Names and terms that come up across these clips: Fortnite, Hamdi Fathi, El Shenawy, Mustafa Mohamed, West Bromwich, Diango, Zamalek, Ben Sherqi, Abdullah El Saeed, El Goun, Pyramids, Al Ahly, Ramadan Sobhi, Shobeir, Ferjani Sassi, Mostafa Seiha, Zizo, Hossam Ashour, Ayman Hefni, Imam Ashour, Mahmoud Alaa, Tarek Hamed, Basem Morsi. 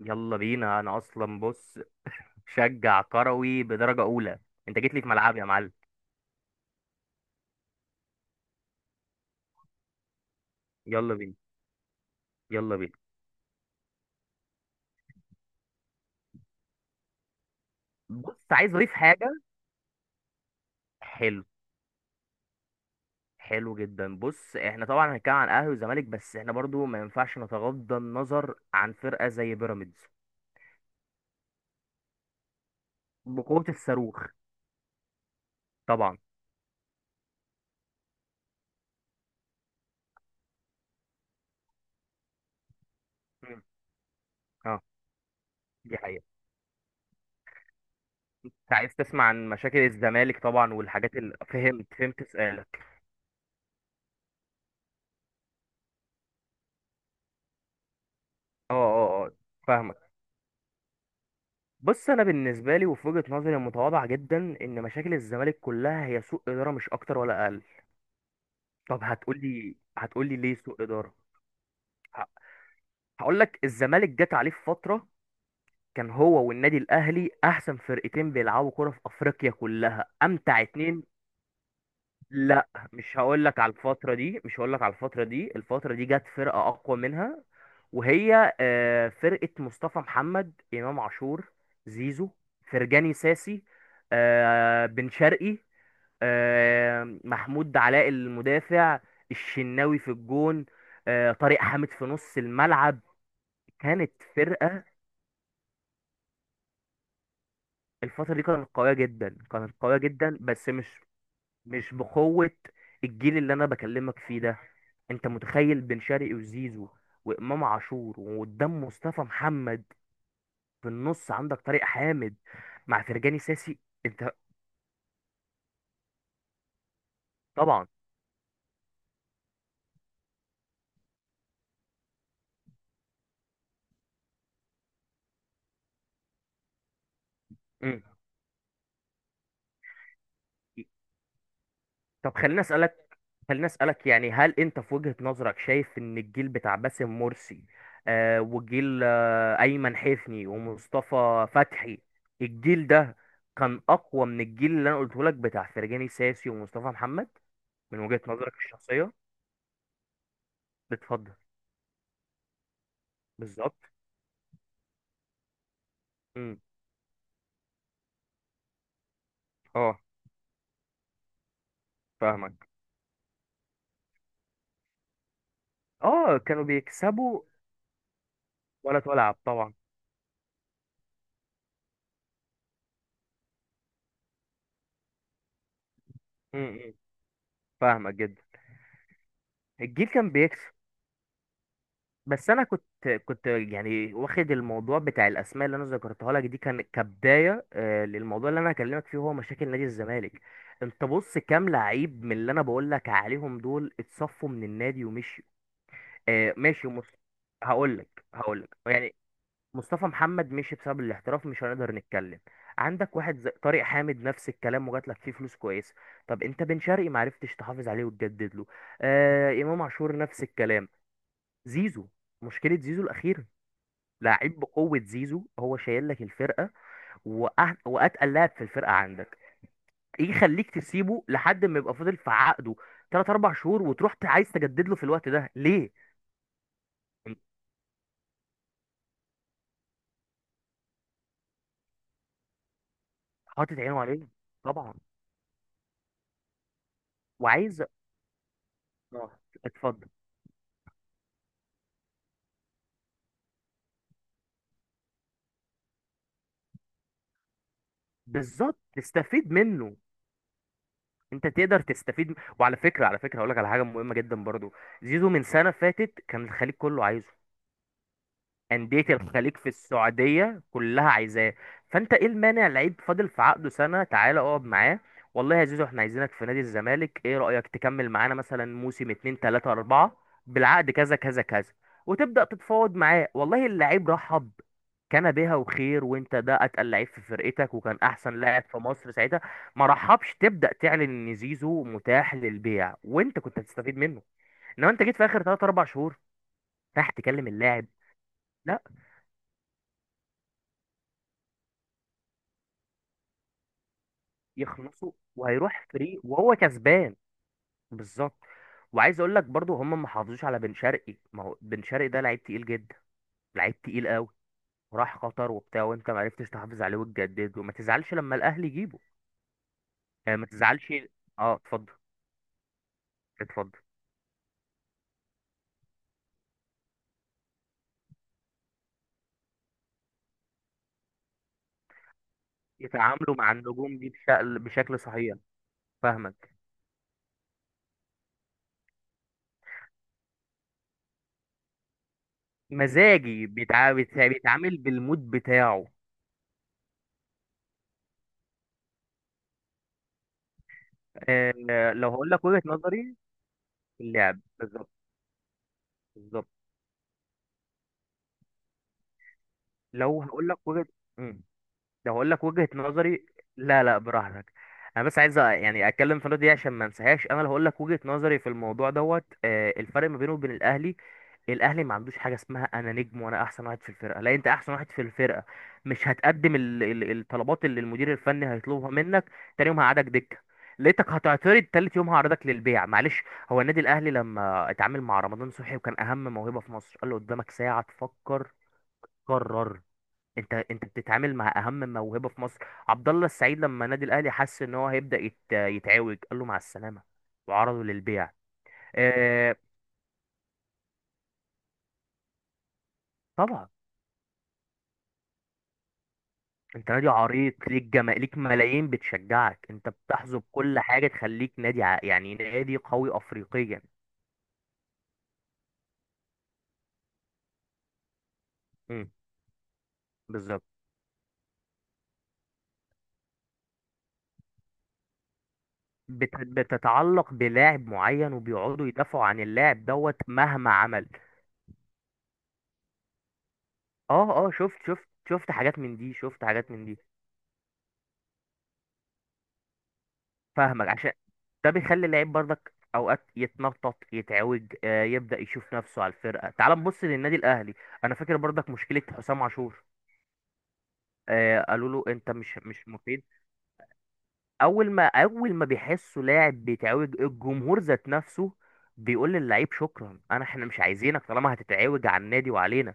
يلا بينا. انا اصلا بص، شجع كروي بدرجة اولى. انت جيت لي في ملعبي يا معلم. يلا بينا. يلا بينا، بص عايز اضيف حاجة. حلو، حلو جدا. بص احنا طبعا هنتكلم عن اهلي وزمالك، بس احنا برضو ما ينفعش نتغاضى النظر عن فرقة زي بيراميدز. بقوة الصاروخ، طبعا. مم. اه، دي حقيقة. انت عايز تسمع عن مشاكل الزمالك طبعا والحاجات اللي فهمت، فهمت سؤالك. اه اه اه، فاهمك. بص انا بالنسبه لي وفي وجهه نظري المتواضعه جدا، ان مشاكل الزمالك كلها هي سوء اداره، مش اكتر ولا اقل. طب هتقولي ليه سوء اداره؟ ه- هقولك الزمالك جت عليه في فتره كان هو والنادي الاهلي احسن فرقتين بيلعبوا كره في افريقيا كلها، امتع اتنين. لا، مش هقول لك على الفترة دي، مش هقول لك على الفترة دي الفترة دي جت فرقة أقوى منها، وهي فرقة مصطفى محمد، إمام عاشور، زيزو، فرجاني ساسي، بن شرقي، محمود علاء المدافع، الشناوي في الجون، طارق حامد في نص الملعب. كانت فرقة، الفترة دي كانت قوية جدا، بس مش بقوة الجيل اللي انا بكلمك فيه ده. انت متخيل بن شرقي وزيزو وامام عاشور وقدام مصطفى محمد، في النص عندك طارق حامد مع فرجاني ساسي؟ انت طبعا. مم. طب خليني اسالك، خليني اسالك يعني، هل انت في وجهة نظرك شايف ان الجيل بتاع باسم مرسي، آه، وجيل آه ايمن حفني ومصطفى فتحي، الجيل ده كان اقوى من الجيل اللي انا قلته لك بتاع فرجاني ساسي ومصطفى محمد؟ من وجهة نظرك الشخصية. بتفضل. بالظبط. امم. اه، فاهمك. اه كانوا بيكسبوا. ولا تلعب، طبعا. امم. فاهمك جدا. الجيل كان بيكسب. بس انا كنت، كنت يعني واخد الموضوع بتاع الاسماء اللي انا ذكرتها لك دي كان كبدايه، آه، للموضوع اللي انا هكلمك فيه، هو مشاكل نادي الزمالك. انت بص كام لعيب من اللي انا بقول لك عليهم دول اتصفوا من النادي ومشيوا؟ آه ماشي، هقول لك يعني، مصطفى محمد مشي بسبب الاحتراف، مش هنقدر نتكلم. عندك واحد زي طارق حامد، نفس الكلام، وجات لك فيه فلوس كويسه. طب انت بن شرقي ما عرفتش تحافظ عليه وتجدد له. آه، امام عاشور نفس الكلام. زيزو، مشكله زيزو الاخيره، لعيب بقوه زيزو، هو شايل لك الفرقه، وأه... واتقل لاعب في الفرقه عندك. ايه يخليك تسيبه لحد ما يبقى فاضل في عقده 3 4 شهور، وتروح عايز تجدد له في الوقت ده؟ ليه؟ انت حاطط عينه عليه، طبعا. وعايز، اه، اتفضل. بالظبط، تستفيد منه. انت تقدر وعلى فكره، على فكره هقول لك على حاجه مهمه جدا برضو. زيزو من سنه فاتت كان الخليج كله عايزه. أندية الخليج في السعودية كلها عايزاه. فأنت إيه المانع؟ لعيب فاضل في عقده سنة، تعالى اقعد معاه. والله يا زيزو احنا عايزينك في نادي الزمالك، إيه رأيك تكمل معانا مثلا موسم 2 3 4، بالعقد كذا كذا كذا. وتبدأ تتفاوض معاه، والله اللعيب رحب، كان بها وخير. وانت ده اتقل لعيب في فرقتك، وكان احسن لاعب في مصر ساعتها. ما رحبش. تبدا تعلن ان زيزو متاح للبيع وانت كنت هتستفيد منه. انما انت جيت في اخر 3 4 شهور، راح تكلم اللاعب. لا، يخلصوا وهيروح فري وهو كسبان. بالظبط. وعايز اقول لك برضو، هم ما حافظوش على بن شرقي. ما هو بن شرقي ده لعيب تقيل جدا، لعيب تقيل قوي. راح قطر وبتاع، وانت ما عرفتش تحافظ عليه وتجدد. وما تزعلش لما الاهلي يجيبه، يعني ما تزعلش. اه اتفضل. اتفضل. يتعاملوا مع النجوم دي بشكل، بشكل صحيح. فاهمك. مزاجي، بيتعامل بالمود بتاعه. آه، لو هقول لك وجهة نظري. في اللعب، بالظبط. بالظبط، لو هقول لك وجهة. مم. لو هقول لك وجهة نظري. لا لا، براحتك. انا بس عايز يعني اتكلم في النقطه دي عشان ما انساهاش. انا اللي هقول لك وجهة نظري في الموضوع دوت، آه، الفرق ما بينه وبين الاهلي. الاهلي ما عندوش حاجه اسمها انا نجم وانا احسن واحد في الفرقه. لا، انت احسن واحد في الفرقه، مش هتقدم الطلبات اللي المدير الفني هيطلبها منك. تاني يوم هقعدك دكه. لقيتك هتعترض، تالت يوم هعرضك للبيع، معلش. هو النادي الاهلي لما اتعامل مع رمضان صبحي وكان اهم موهبه في مصر، قال له قدامك ساعه تفكر، قرر. انت، انت بتتعامل مع اهم موهبه في مصر. عبد الله السعيد لما نادي الاهلي حس ان هو هيبدا يتعوج، قال له مع السلامه وعرضه للبيع. اه، طبعا. انت نادي عريق، ليك ليك ملايين بتشجعك، انت بتحظى بكل حاجه تخليك نادي يعني نادي قوي افريقيا. امم، بالظبط. بتتعلق بلاعب معين وبيقعدوا يدافعوا عن اللاعب دوت مهما عمل. اه اه، شفت حاجات من دي، شفت حاجات من دي. فاهمك، عشان ده بيخلي اللعيب برضك اوقات يتنطط، يتعوج، آه، يبدأ يشوف نفسه على الفرقة. تعال نبص للنادي الاهلي. انا فاكر برضك مشكلة حسام عاشور، آه، قالوا له انت مش مفيد. اول ما بيحسوا لاعب بيتعوج، الجمهور ذات نفسه بيقول للعيب شكرا، احنا مش عايزينك طالما هتتعوج على النادي وعلينا.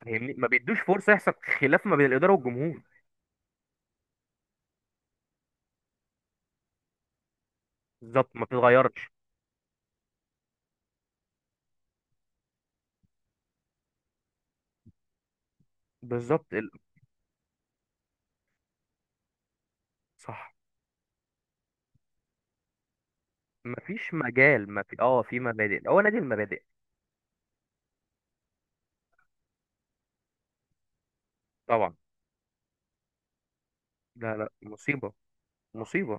فاهمني، ما بيدوش فرصة يحصل خلاف ما بين الإدارة والجمهور. بالظبط، ما بتتغيرش. بالظبط. صح. مفيش مجال، ما في اه، في مبادئ، هو نادي المبادئ. طبعا. لا لا، مصيبة، مصيبة.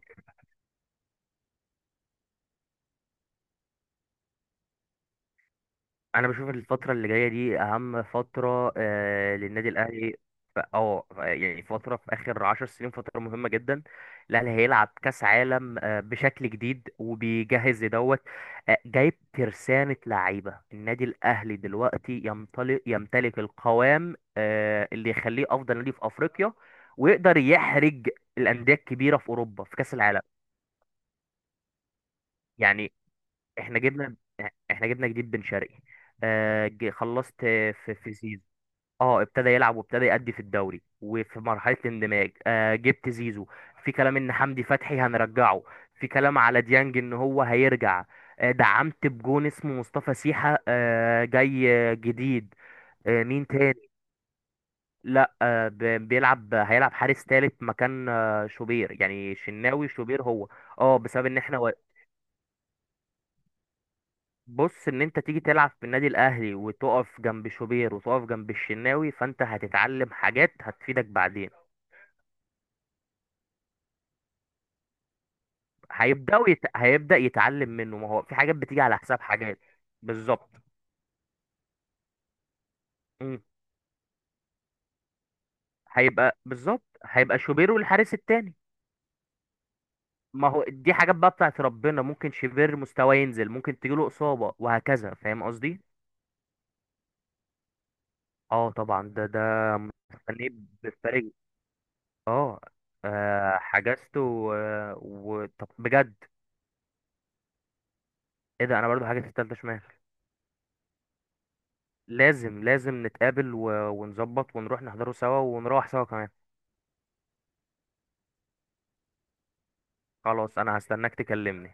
أنا بشوف الفترة اللي جاية دي أهم فترة، آه، للنادي الأهلي. يعني فترة، في آخر 10 سنين فترة مهمة جدا. الأهلي هيلعب كأس عالم آه بشكل جديد، وبيجهز لدوت. آه جايب ترسانة لعيبة. النادي الأهلي دلوقتي يمتلك، القوام آه اللي يخليه أفضل نادي في أفريقيا، ويقدر يحرج الأندية الكبيرة في أوروبا في كأس العالم. يعني، احنا جبنا احنا جبنا جديد بن شرقي. خلصت. في زيزو. اه ابتدى يلعب وابتدى يأدي في الدوري وفي مرحلة الاندماج. آه جبت زيزو. في كلام ان حمدي فتحي هنرجعه. في كلام على ديانج ان هو هيرجع. آه دعمت بجون اسمه مصطفى سيحة، آه جاي، آه، جديد. آه، مين تاني؟ لا، آه، بيلعب. هيلعب حارس تالت مكان، آه، شوبير، يعني شناوي شوبير هو. اه، بسبب ان احنا، بص، ان انت تيجي تلعب في النادي الاهلي وتقف جنب شوبير وتقف جنب الشناوي، فانت هتتعلم حاجات هتفيدك بعدين. هيبدا يتعلم منه، ما هو في حاجات بتيجي على حساب حاجات. بالظبط. مم. هيبقى، بالظبط، هيبقى شوبير والحارس التاني. ما هو دي حاجات بقى بتاعت ربنا، ممكن شوبير مستواه ينزل، ممكن تجيله اصابه، وهكذا. فاهم قصدي؟ اه طبعا. ده مستنيه بالفريق. اه. آه، حجزته طب بجد؟ ايه ده، انا برضو حاجة في التالتة شمال. لازم لازم نتقابل ونظبط ونروح نحضره سوا، ونروح سوا كمان. خلاص، انا هستناك تكلمني.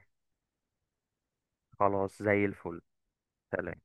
خلاص زي الفل. سلام.